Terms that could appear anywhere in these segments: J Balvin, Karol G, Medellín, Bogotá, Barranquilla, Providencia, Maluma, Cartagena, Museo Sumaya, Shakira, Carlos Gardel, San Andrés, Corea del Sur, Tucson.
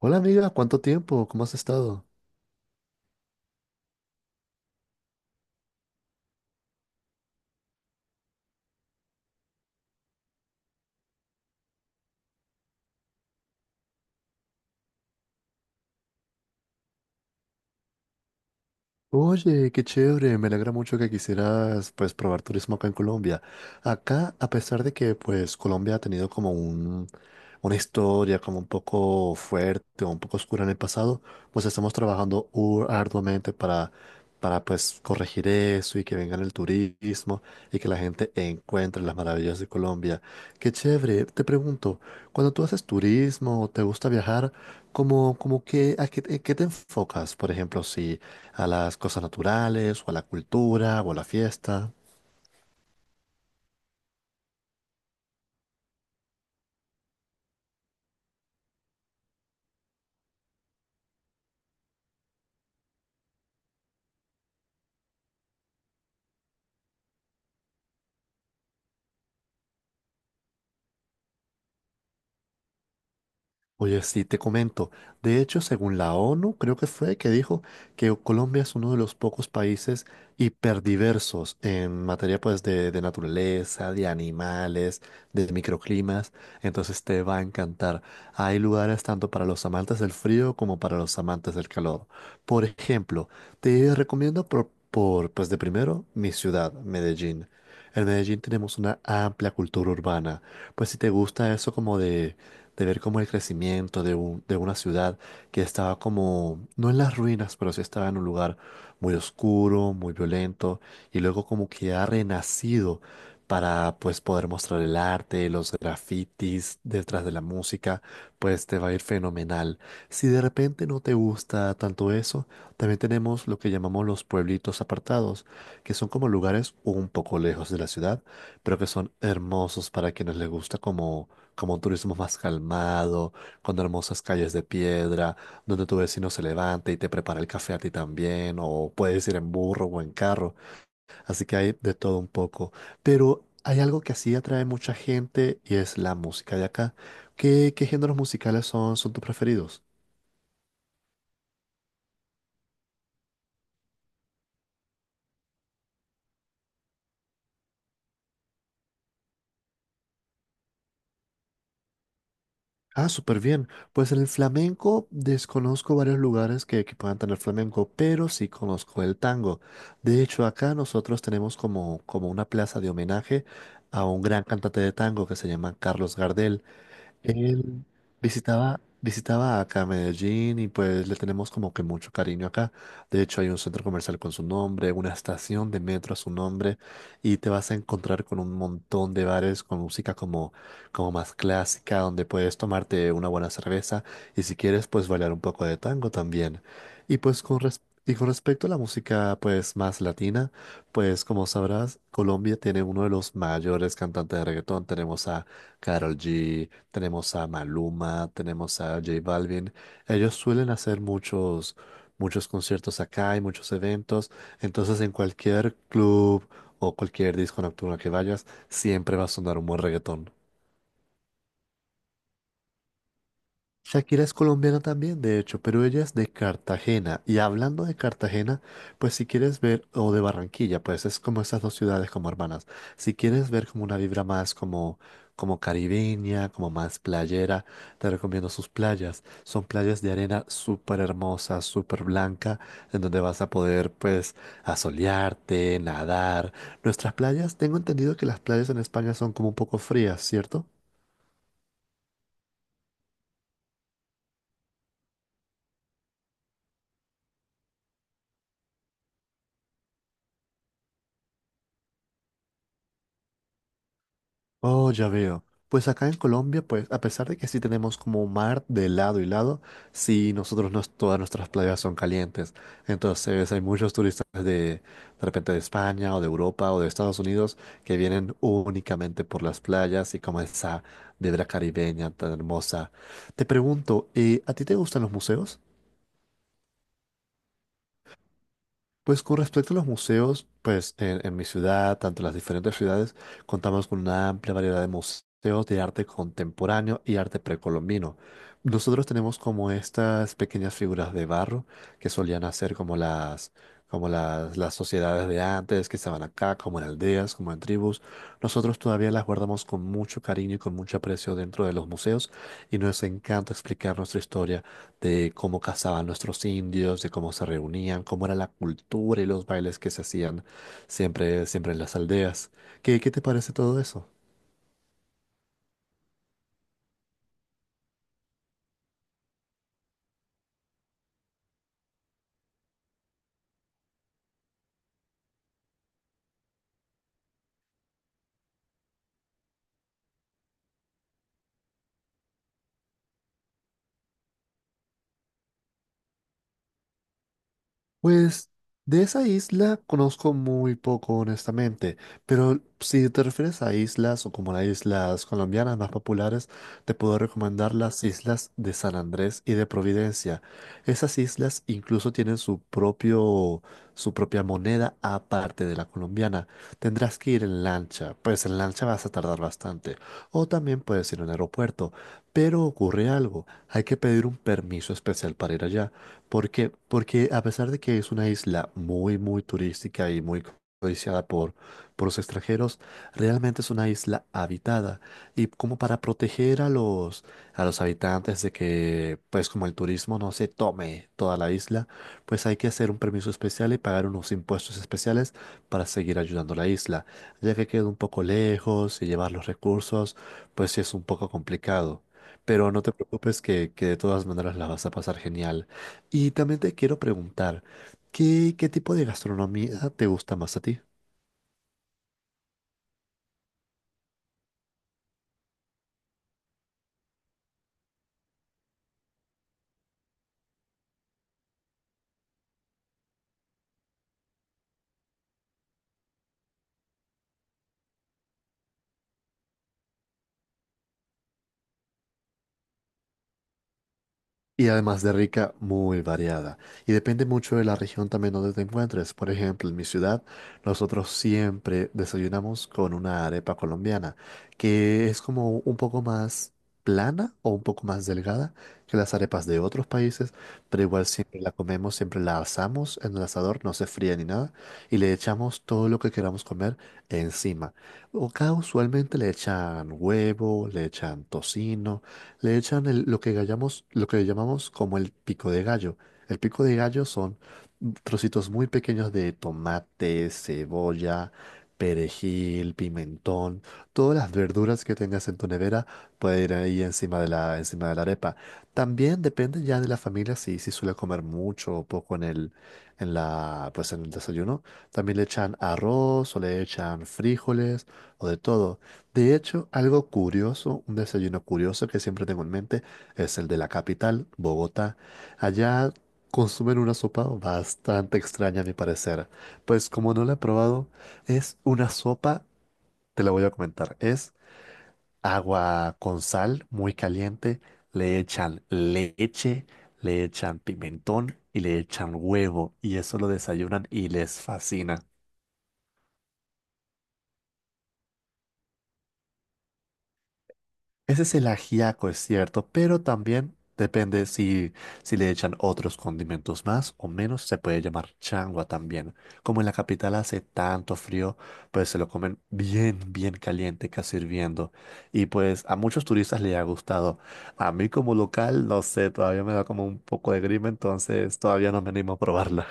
Hola amiga, ¿cuánto tiempo? ¿Cómo has estado? Oye, qué chévere, me alegra mucho que quisieras pues probar turismo acá en Colombia. Acá, a pesar de que pues Colombia ha tenido una historia como un poco fuerte o un poco oscura en el pasado, pues estamos trabajando arduamente para pues corregir eso y que venga el turismo y que la gente encuentre las maravillas de Colombia. Qué chévere, te pregunto, cuando tú haces turismo o te gusta viajar, ¿cómo, cómo que, a qué te enfocas? Por ejemplo, si a las cosas naturales, o a la cultura, o a la fiesta. Oye, sí, te comento. De hecho, según la ONU, creo que fue que dijo que Colombia es uno de los pocos países hiperdiversos en materia de naturaleza, de animales, de microclimas. Entonces te va a encantar. Hay lugares tanto para los amantes del frío como para los amantes del calor. Por ejemplo, te recomiendo por pues de primero mi ciudad, Medellín. En Medellín tenemos una amplia cultura urbana. Pues si te gusta eso como de ver como el crecimiento de una ciudad que estaba como, no en las ruinas, pero sí estaba en un lugar muy oscuro, muy violento, y luego como que ha renacido para pues poder mostrar el arte, los grafitis detrás de la música, pues te va a ir fenomenal. Si de repente no te gusta tanto eso, también tenemos lo que llamamos los pueblitos apartados, que son como lugares un poco lejos de la ciudad, pero que son hermosos para quienes les gusta como un turismo más calmado, con hermosas calles de piedra, donde tu vecino se levanta y te prepara el café a ti también, o puedes ir en burro o en carro, así que hay de todo un poco. Pero hay algo que así atrae mucha gente y es la música de acá. ¿Qué géneros musicales son tus preferidos? Ah, súper bien. Pues en el flamenco desconozco varios lugares que puedan tener flamenco, pero sí conozco el tango. De hecho, acá nosotros tenemos como una plaza de homenaje a un gran cantante de tango que se llama Carlos Gardel. Él visitaba acá Medellín y pues le tenemos como que mucho cariño acá. De hecho, hay un centro comercial con su nombre, una estación de metro a su nombre y te vas a encontrar con un montón de bares con música como más clásica, donde puedes tomarte una buena cerveza y si quieres, pues bailar un poco de tango también. Y con respecto a la música pues más latina, pues como sabrás, Colombia tiene uno de los mayores cantantes de reggaetón. Tenemos a Karol G, tenemos a Maluma, tenemos a J Balvin. Ellos suelen hacer muchos conciertos acá y muchos eventos. Entonces, en cualquier club o cualquier disco nocturno que vayas, siempre va a sonar un buen reggaetón. Shakira es colombiana también, de hecho, pero ella es de Cartagena. Y hablando de Cartagena, pues si quieres ver, o de Barranquilla, pues es como esas dos ciudades como hermanas. Si quieres ver como una vibra como caribeña, como más playera, te recomiendo sus playas. Son playas de arena súper hermosa, súper blanca, en donde vas a poder pues asolearte, nadar. Nuestras playas, tengo entendido que las playas en España son como un poco frías, ¿cierto? Oh, ya veo. Pues acá en Colombia, pues a pesar de que sí tenemos como mar de lado y lado, sí nosotros no, todas nuestras playas son calientes. Entonces hay muchos turistas de repente de España o de Europa o de Estados Unidos que vienen únicamente por las playas y como esa vibra caribeña tan hermosa. Te pregunto, ¿a ti te gustan los museos? Pues con respecto a los museos, pues en mi ciudad, tanto en las diferentes ciudades, contamos con una amplia variedad de museos de arte contemporáneo y arte precolombino. Nosotros tenemos como estas pequeñas figuras de barro que solían hacer como las sociedades de antes que estaban acá, como en aldeas, como en tribus. Nosotros todavía las guardamos con mucho cariño y con mucho aprecio dentro de los museos y nos encanta explicar nuestra historia de cómo cazaban nuestros indios, de cómo se reunían, cómo era la cultura y los bailes que se hacían siempre en las aldeas. ¿Qué te parece todo eso? Pues de esa isla conozco muy poco, honestamente, pero si te refieres a islas o como las islas colombianas más populares, te puedo recomendar las islas de San Andrés y de Providencia. Esas islas incluso tienen su propia moneda aparte de la colombiana. Tendrás que ir en lancha, pues en lancha vas a tardar bastante, o también puedes ir en aeropuerto, pero ocurre algo, hay que pedir un permiso especial para ir allá. ¿Por qué? Porque a pesar de que es una isla muy, muy turística y muy codiciada por los extranjeros, realmente es una isla habitada. Y como para proteger a a los habitantes de que, pues como el turismo no se tome toda la isla, pues hay que hacer un permiso especial y pagar unos impuestos especiales para seguir ayudando a la isla. Ya que queda un poco lejos y llevar los recursos, pues sí es un poco complicado. Pero no te preocupes que de todas maneras la vas a pasar genial. Y también te quiero preguntar, ¿qué tipo de gastronomía te gusta más a ti? Y además de rica, muy variada. Y depende mucho de la región también donde te encuentres. Por ejemplo, en mi ciudad, nosotros siempre desayunamos con una arepa colombiana, que es como un poco más plana o un poco más delgada que las arepas de otros países, pero igual siempre la comemos, siempre la asamos en el asador, no se fría ni nada, y le echamos todo lo que queramos comer encima. O acá usualmente le echan huevo, le echan tocino. Le echan el- lo que gallamos- Lo que llamamos como el pico de gallo. El pico de gallo son trocitos muy pequeños de tomate, cebolla, perejil, pimentón, todas las verduras que tengas en tu nevera pueden ir ahí encima de la arepa. También depende ya de la familia si suele comer mucho o poco en el, en la, pues en el desayuno. También le echan arroz o le echan frijoles o de todo. De hecho, algo curioso, un desayuno curioso que siempre tengo en mente es el de la capital, Bogotá. Allá consumen una sopa bastante extraña a mi parecer. Pues como no la he probado, es una sopa, te la voy a comentar. Es agua con sal muy caliente, le echan leche, le echan pimentón y le echan huevo y eso lo desayunan y les fascina. Ese es el ajiaco, es cierto, pero también depende si le echan otros condimentos más o menos, se puede llamar changua también. Como en la capital hace tanto frío, pues se lo comen bien, bien caliente, casi hirviendo. Y pues a muchos turistas les ha gustado. A mí como local, no sé, todavía me da como un poco de grima, entonces todavía no me animo a probarla.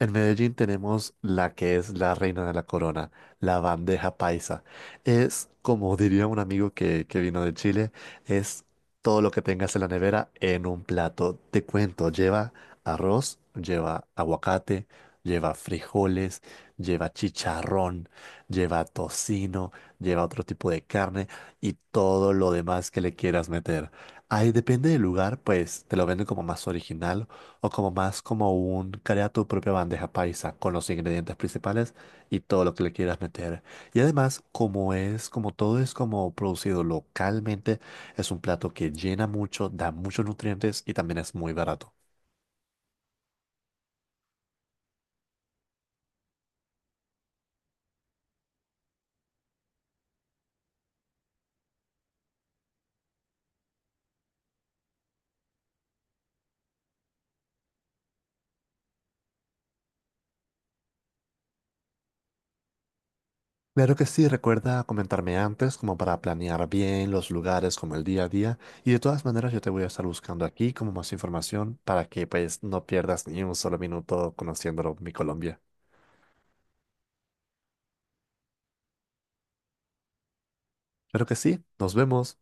En Medellín tenemos la que es la reina de la corona, la bandeja paisa. Es, como diría un amigo que vino de Chile, es todo lo que tengas en la nevera en un plato. Te cuento, lleva arroz, lleva aguacate, lleva frijoles, lleva chicharrón, lleva tocino, lleva otro tipo de carne y todo lo demás que le quieras meter. Ahí depende del lugar, pues te lo venden como más original o como más como un, crea tu propia bandeja paisa con los ingredientes principales y todo lo que le quieras meter. Y además, como es, como todo es como producido localmente, es un plato que llena mucho, da muchos nutrientes y también es muy barato. Claro que sí, recuerda comentarme antes como para planear bien los lugares, como el día a día. Y de todas maneras, yo te voy a estar buscando aquí como más información para que pues no pierdas ni un solo minuto conociéndolo mi Colombia. Claro que sí, nos vemos.